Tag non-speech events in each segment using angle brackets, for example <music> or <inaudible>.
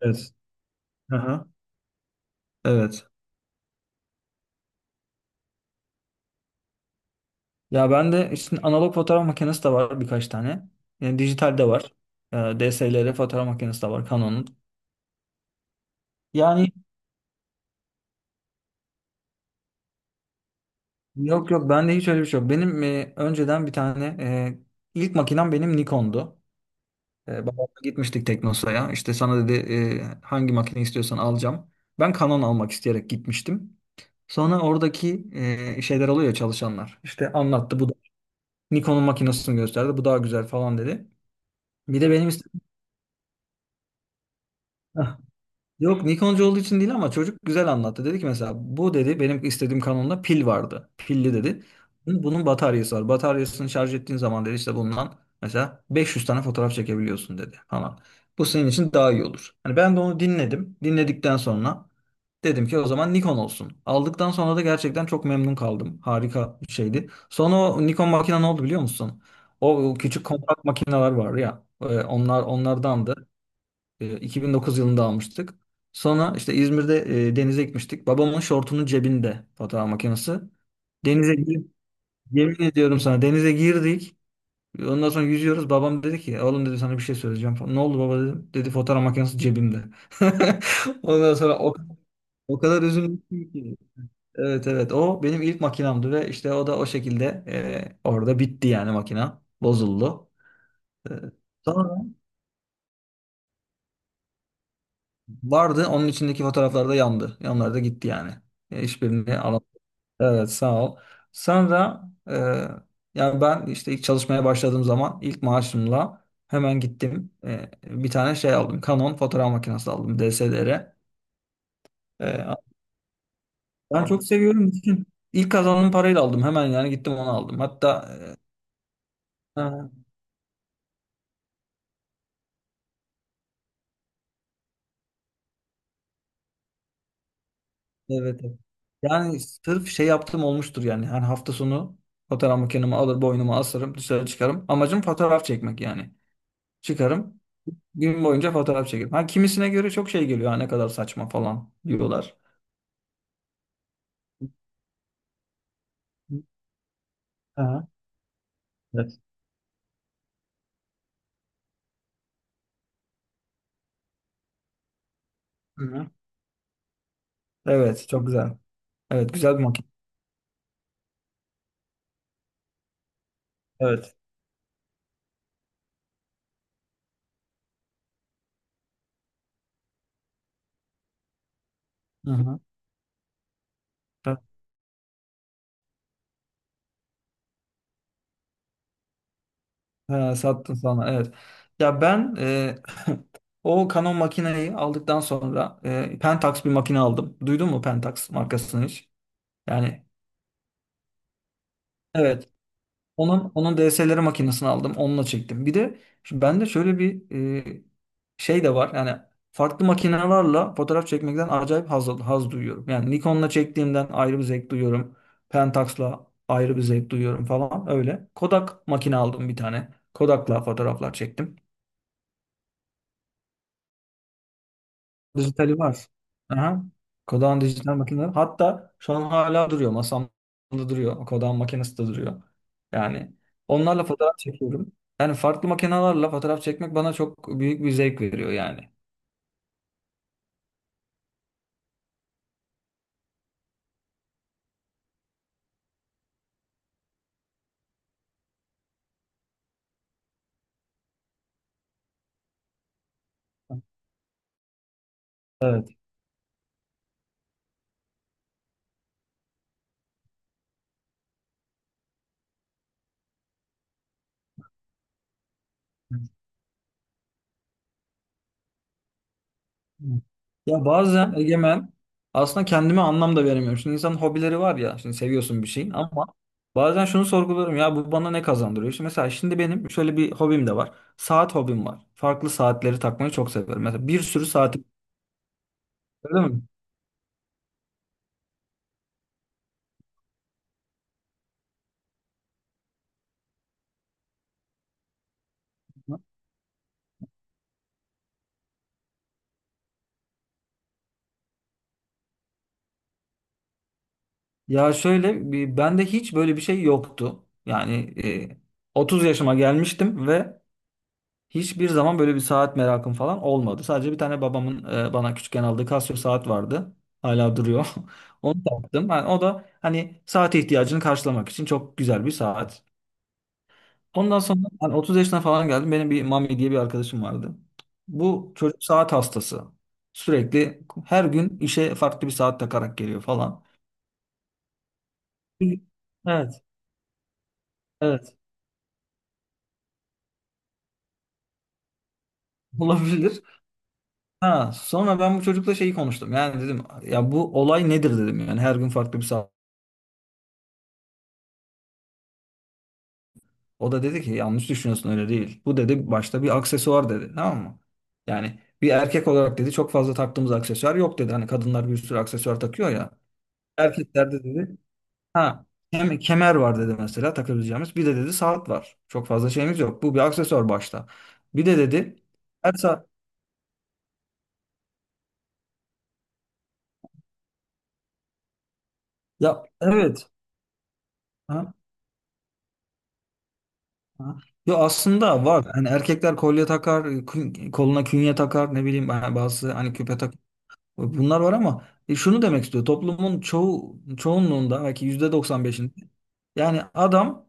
Evet. Aha, evet. Ya ben de işte analog fotoğraf makinesi de var birkaç tane. Yani dijital de var. DSLR fotoğraf makinesi de var Canon'un. Yani yok yok bende hiç öyle bir şey yok. Benim önceden bir tane ilk makinem benim Nikon'du. Babamla gitmiştik Teknosa'ya. İşte sana dedi hangi makine istiyorsan alacağım. Ben Canon almak isteyerek gitmiştim. Sonra oradaki şeyler oluyor ya, çalışanlar. İşte anlattı bu da Nikon'un makinesini gösterdi. Bu daha güzel falan dedi. Bir de benim istedim. Yok, Nikoncu olduğu için değil ama çocuk güzel anlattı. Dedi ki mesela bu dedi benim istediğim kanonda pil vardı. Pilli dedi. Bunun bataryası var. Bataryasını şarj ettiğin zaman dedi işte bundan mesela 500 tane fotoğraf çekebiliyorsun dedi falan. Bu senin için daha iyi olur. Hani ben de onu dinledim. Dinledikten sonra dedim ki o zaman Nikon olsun. Aldıktan sonra da gerçekten çok memnun kaldım. Harika bir şeydi. Sonra o Nikon makine ne oldu biliyor musun? O küçük kompakt makineler var ya. Onlar onlardandı. 2009 yılında almıştık. Sonra işte İzmir'de denize gitmiştik. Babamın şortunun cebinde fotoğraf makinesi. Denize girip, yemin ediyorum sana denize girdik. Ondan sonra yüzüyoruz. Babam dedi ki oğlum dedi sana bir şey söyleyeceğim falan. Ne oldu baba dedim. Dedi fotoğraf makinesi cebimde. <laughs> Ondan sonra o kadar üzülmüştüm ki. Evet, evet, o benim ilk makinamdı ve işte o da o şekilde orada bitti yani makina. Bozuldu. E, Sonra. Vardı. Onun içindeki fotoğraflar da yandı. Yanlar da gitti yani. Hiçbirini alamadım. Evet, sağ ol. Sonra, e, yani ben işte ilk çalışmaya başladığım zaman ilk maaşımla hemen gittim. Bir tane şey aldım. Canon fotoğraf makinesi aldım. DSLR. E, Ben çok seviyorum. Bütün ilk kazandığım parayla aldım. Hemen yani gittim onu aldım. Hatta ha, evet. Evet. Yani sırf şey yaptım olmuştur yani. Her hafta sonu fotoğraf makinemi alır boynuma asarım dışarı çıkarım. Amacım fotoğraf çekmek yani. Çıkarım. Gün boyunca fotoğraf çekerim. Ha, kimisine göre çok şey geliyor. Ha, ne kadar saçma falan diyorlar. Aha, evet. Hı-hı. Evet, çok güzel. Evet, güzel bir makine. Evet. Hı-hı. Ha, sattın sana. Evet. Ya ben <laughs> o Canon makineyi aldıktan sonra Pentax bir makine aldım. Duydun mu Pentax markasını hiç? Yani evet. Onun DSLR makinesini aldım. Onunla çektim. Bir de bende şöyle bir e, şey de var. Yani farklı makinelerle fotoğraf çekmekten acayip haz duyuyorum. Yani Nikon'la çektiğimden ayrı bir zevk duyuyorum. Pentax'la ayrı bir zevk duyuyorum falan öyle. Kodak makine aldım bir tane. Kodak'la fotoğraflar çektim. Dijitali var. Aha. Kodan dijital makineler. Hatta şu an hala duruyor. Masamda duruyor. Kodan makinesi de duruyor. Yani onlarla fotoğraf çekiyorum. Yani farklı makinelerle fotoğraf çekmek bana çok büyük bir zevk veriyor yani. Evet. Ya bazen Egemen aslında kendime anlam da veremiyorum. Şimdi insanın hobileri var ya. Şimdi seviyorsun bir şeyin ama bazen şunu sorguluyorum. Ya bu bana ne kazandırıyor? Şimdi mesela şimdi benim şöyle bir hobim de var. Saat hobim var. Farklı saatleri takmayı çok seviyorum. Mesela bir sürü saat. Öyle mi? Ya bende hiç böyle bir şey yoktu. Yani e, 30 yaşıma gelmiştim ve hiçbir zaman böyle bir saat merakım falan olmadı. Sadece bir tane babamın bana küçükken aldığı Casio saat vardı. Hala duruyor. <laughs> Onu taktım. Yani o da hani saate ihtiyacını karşılamak için çok güzel bir saat. Ondan sonra hani 30 yaşına falan geldim. Benim bir Mami diye bir arkadaşım vardı. Bu çocuk saat hastası. Sürekli her gün işe farklı bir saat takarak geliyor falan. Evet. Evet. <laughs> Olabilir. Ha, sonra ben bu çocukla şeyi konuştum. Yani dedim ya bu olay nedir dedim. Yani her gün farklı bir saat. O da dedi ki yanlış düşünüyorsun öyle değil. Bu dedi başta bir aksesuar dedi. Tamam mı? Yani bir erkek olarak dedi çok fazla taktığımız aksesuar yok dedi. Hani kadınlar bir sürü aksesuar takıyor ya. Erkeklerde dedi ha, kemer var dedi mesela takabileceğimiz. Bir de dedi saat var. Çok fazla şeyimiz yok. Bu bir aksesuar başta. Bir de dedi her saat, ya evet. Ha. Yo, aslında var. Hani erkekler kolye takar, koluna künye takar, ne bileyim ha, bazısı hani küpe takar. Bunlar var ama şunu demek istiyor. Toplumun çoğunluğunda belki %95'inde yani adam,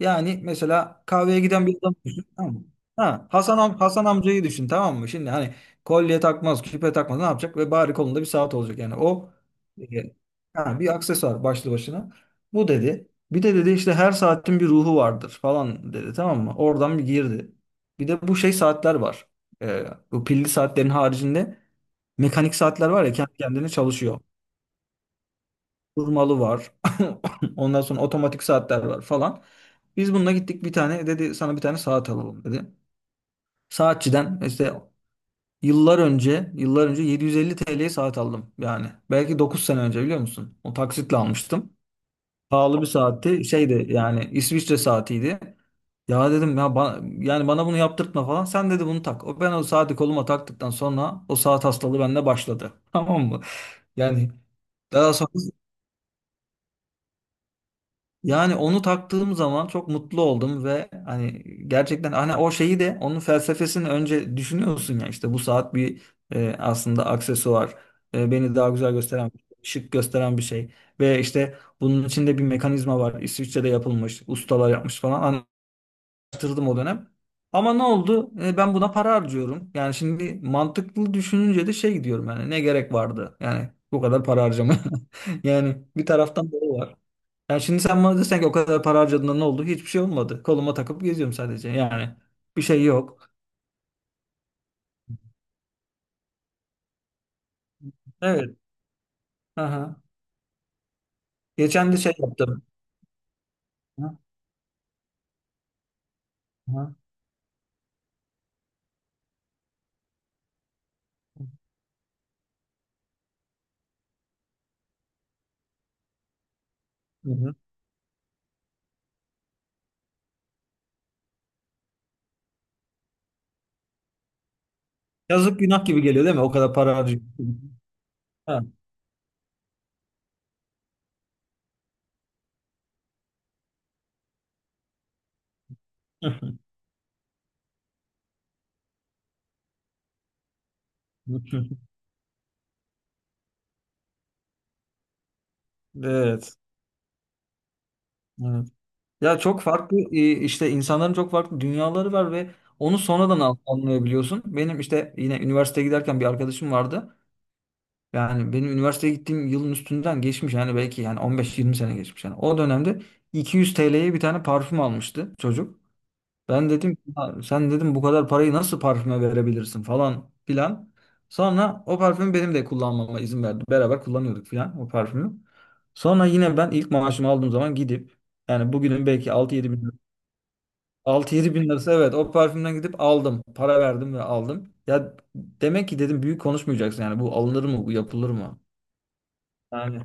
yani mesela kahveye giden bir adam düşün tamam mı? Ha, Hasan amcayı düşün tamam mı? Şimdi hani kolye takmaz, küpe takmaz ne yapacak ve bari kolunda bir saat olacak yani. O e, ha, bir aksesuar başlı başına. Bu dedi. Bir de dedi işte her saatin bir ruhu vardır falan dedi tamam mı? Oradan bir girdi. Bir de bu şey saatler var. E, Bu pilli saatlerin haricinde mekanik saatler var ya kendi kendine çalışıyor. Durmalı var. <laughs> Ondan sonra otomatik saatler var falan. Biz bununla gittik bir tane dedi sana bir tane saat alalım dedi. Saatçiden işte yıllar önce yıllar önce 750 TL'ye saat aldım yani. Belki 9 sene önce biliyor musun? O taksitle almıştım. Pahalı bir saatti. Şeydi yani İsviçre saatiydi. Ya dedim ya yani bana bunu yaptırtma falan. Sen dedi bunu tak. O ben o saati koluma taktıktan sonra o saat hastalığı bende başladı. <laughs> Tamam mı? Yani daha sonra, yani onu taktığım zaman çok mutlu oldum ve hani gerçekten hani o şeyi de onun felsefesini önce düşünüyorsun ya işte bu saat bir aslında aksesuar. Beni daha güzel gösteren, şık gösteren bir şey ve işte bunun içinde bir mekanizma var, İsviçre'de yapılmış, ustalar yapmış falan, araştırdım o dönem. Ama ne oldu, ben buna para harcıyorum yani, şimdi mantıklı düşününce de şey diyorum yani ne gerek vardı yani bu kadar para harcama. <laughs> Yani bir taraftan doğru var. Yani şimdi sen bana desen ki o kadar para harcadığında ne oldu? Hiçbir şey olmadı. Koluma takıp geziyorum sadece. Yani bir şey yok. Evet. Aha. Geçen de şey yaptım. Aha. Aha. Hı hı. Yazık, günah gibi geliyor değil mi? O kadar para harcıyorsun. Ha. <laughs> Evet. Evet. Ya çok farklı işte insanların çok farklı dünyaları var ve onu sonradan anlayabiliyorsun. Benim işte yine üniversiteye giderken bir arkadaşım vardı. Yani benim üniversiteye gittiğim yılın üstünden geçmiş yani belki yani 15-20 sene geçmiş yani. O dönemde 200 TL'ye bir tane parfüm almıştı çocuk. Ben dedim "Ya sen, dedim, bu kadar parayı nasıl parfüme verebilirsin falan filan." Sonra o parfümü benim de kullanmama izin verdi. Beraber kullanıyorduk filan o parfümü. Sonra yine ben ilk maaşımı aldığım zaman gidip yani bugünün belki 6-7 bin lirası, evet, o parfümden gidip aldım. Para verdim ve aldım. Ya demek ki dedim büyük konuşmayacaksın yani, bu alınır mı, bu yapılır mı? Yani.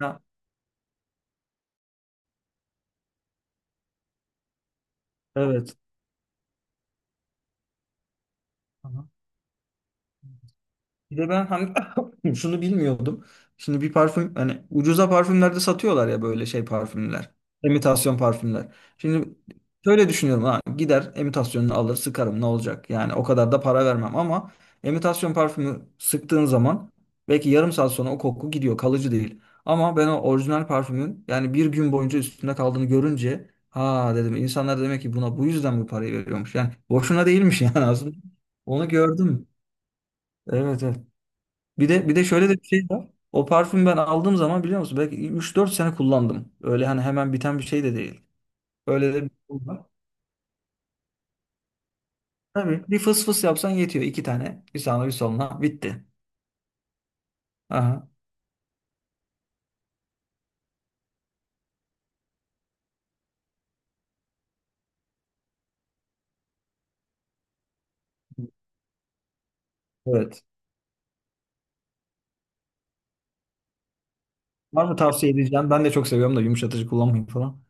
Ha, evet. Aha. Bir de ben hani <laughs> şunu bilmiyordum. Şimdi bir parfüm hani ucuza parfümlerde satıyorlar ya, böyle şey parfümler. İmitasyon parfümler. Şimdi şöyle düşünüyorum, ha gider imitasyonunu alır sıkarım, ne olacak? Yani o kadar da para vermem ama imitasyon parfümü sıktığın zaman belki yarım saat sonra o koku gidiyor, kalıcı değil. Ama ben o orijinal parfümün yani bir gün boyunca üstünde kaldığını görünce ha dedim insanlar demek ki buna bu yüzden bu parayı veriyormuş. Yani boşuna değilmiş <laughs> yani aslında. Onu gördüm. Evet, evet. Bir de şöyle de bir şey var. O parfüm ben aldığım zaman biliyor musun belki 3-4 sene kullandım. Öyle hani hemen biten bir şey de değil. Öyle de bir şey var. Tabii bir fıs fıs yapsan yetiyor. İki tane. Bir sağına bir soluna. Bitti. Aha. Evet. Var mı tavsiye edeceğim? Ben de çok seviyorum da yumuşatıcı kullanmayın falan.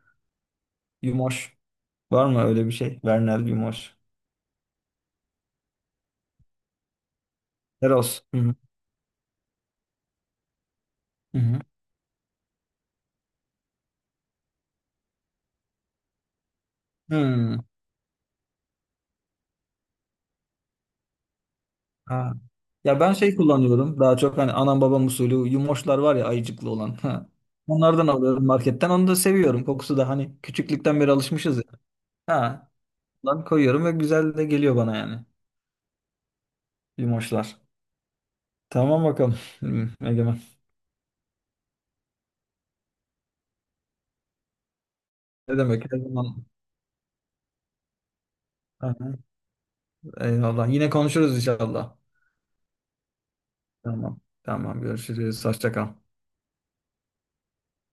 Yumoş. Var mı öyle bir şey? Vernel Yumoş. Eros. Hı hı. Hı hı. Hmm. Ha. Ya ben şey kullanıyorum. Daha çok hani anam babam usulü yumoşlar var ya, ayıcıklı olan. Ha. Onlardan alıyorum marketten. Onu da seviyorum. Kokusu da hani küçüklükten beri alışmışız ya. Ha. Lan koyuyorum ve güzel de geliyor bana yani. Yumoşlar. Tamam bakalım. Hmm, Egemen. Ne demek? Her zaman. Ha, eyvallah. Yine konuşuruz inşallah. Tamam. Tamam görüşürüz. Hoşça kal.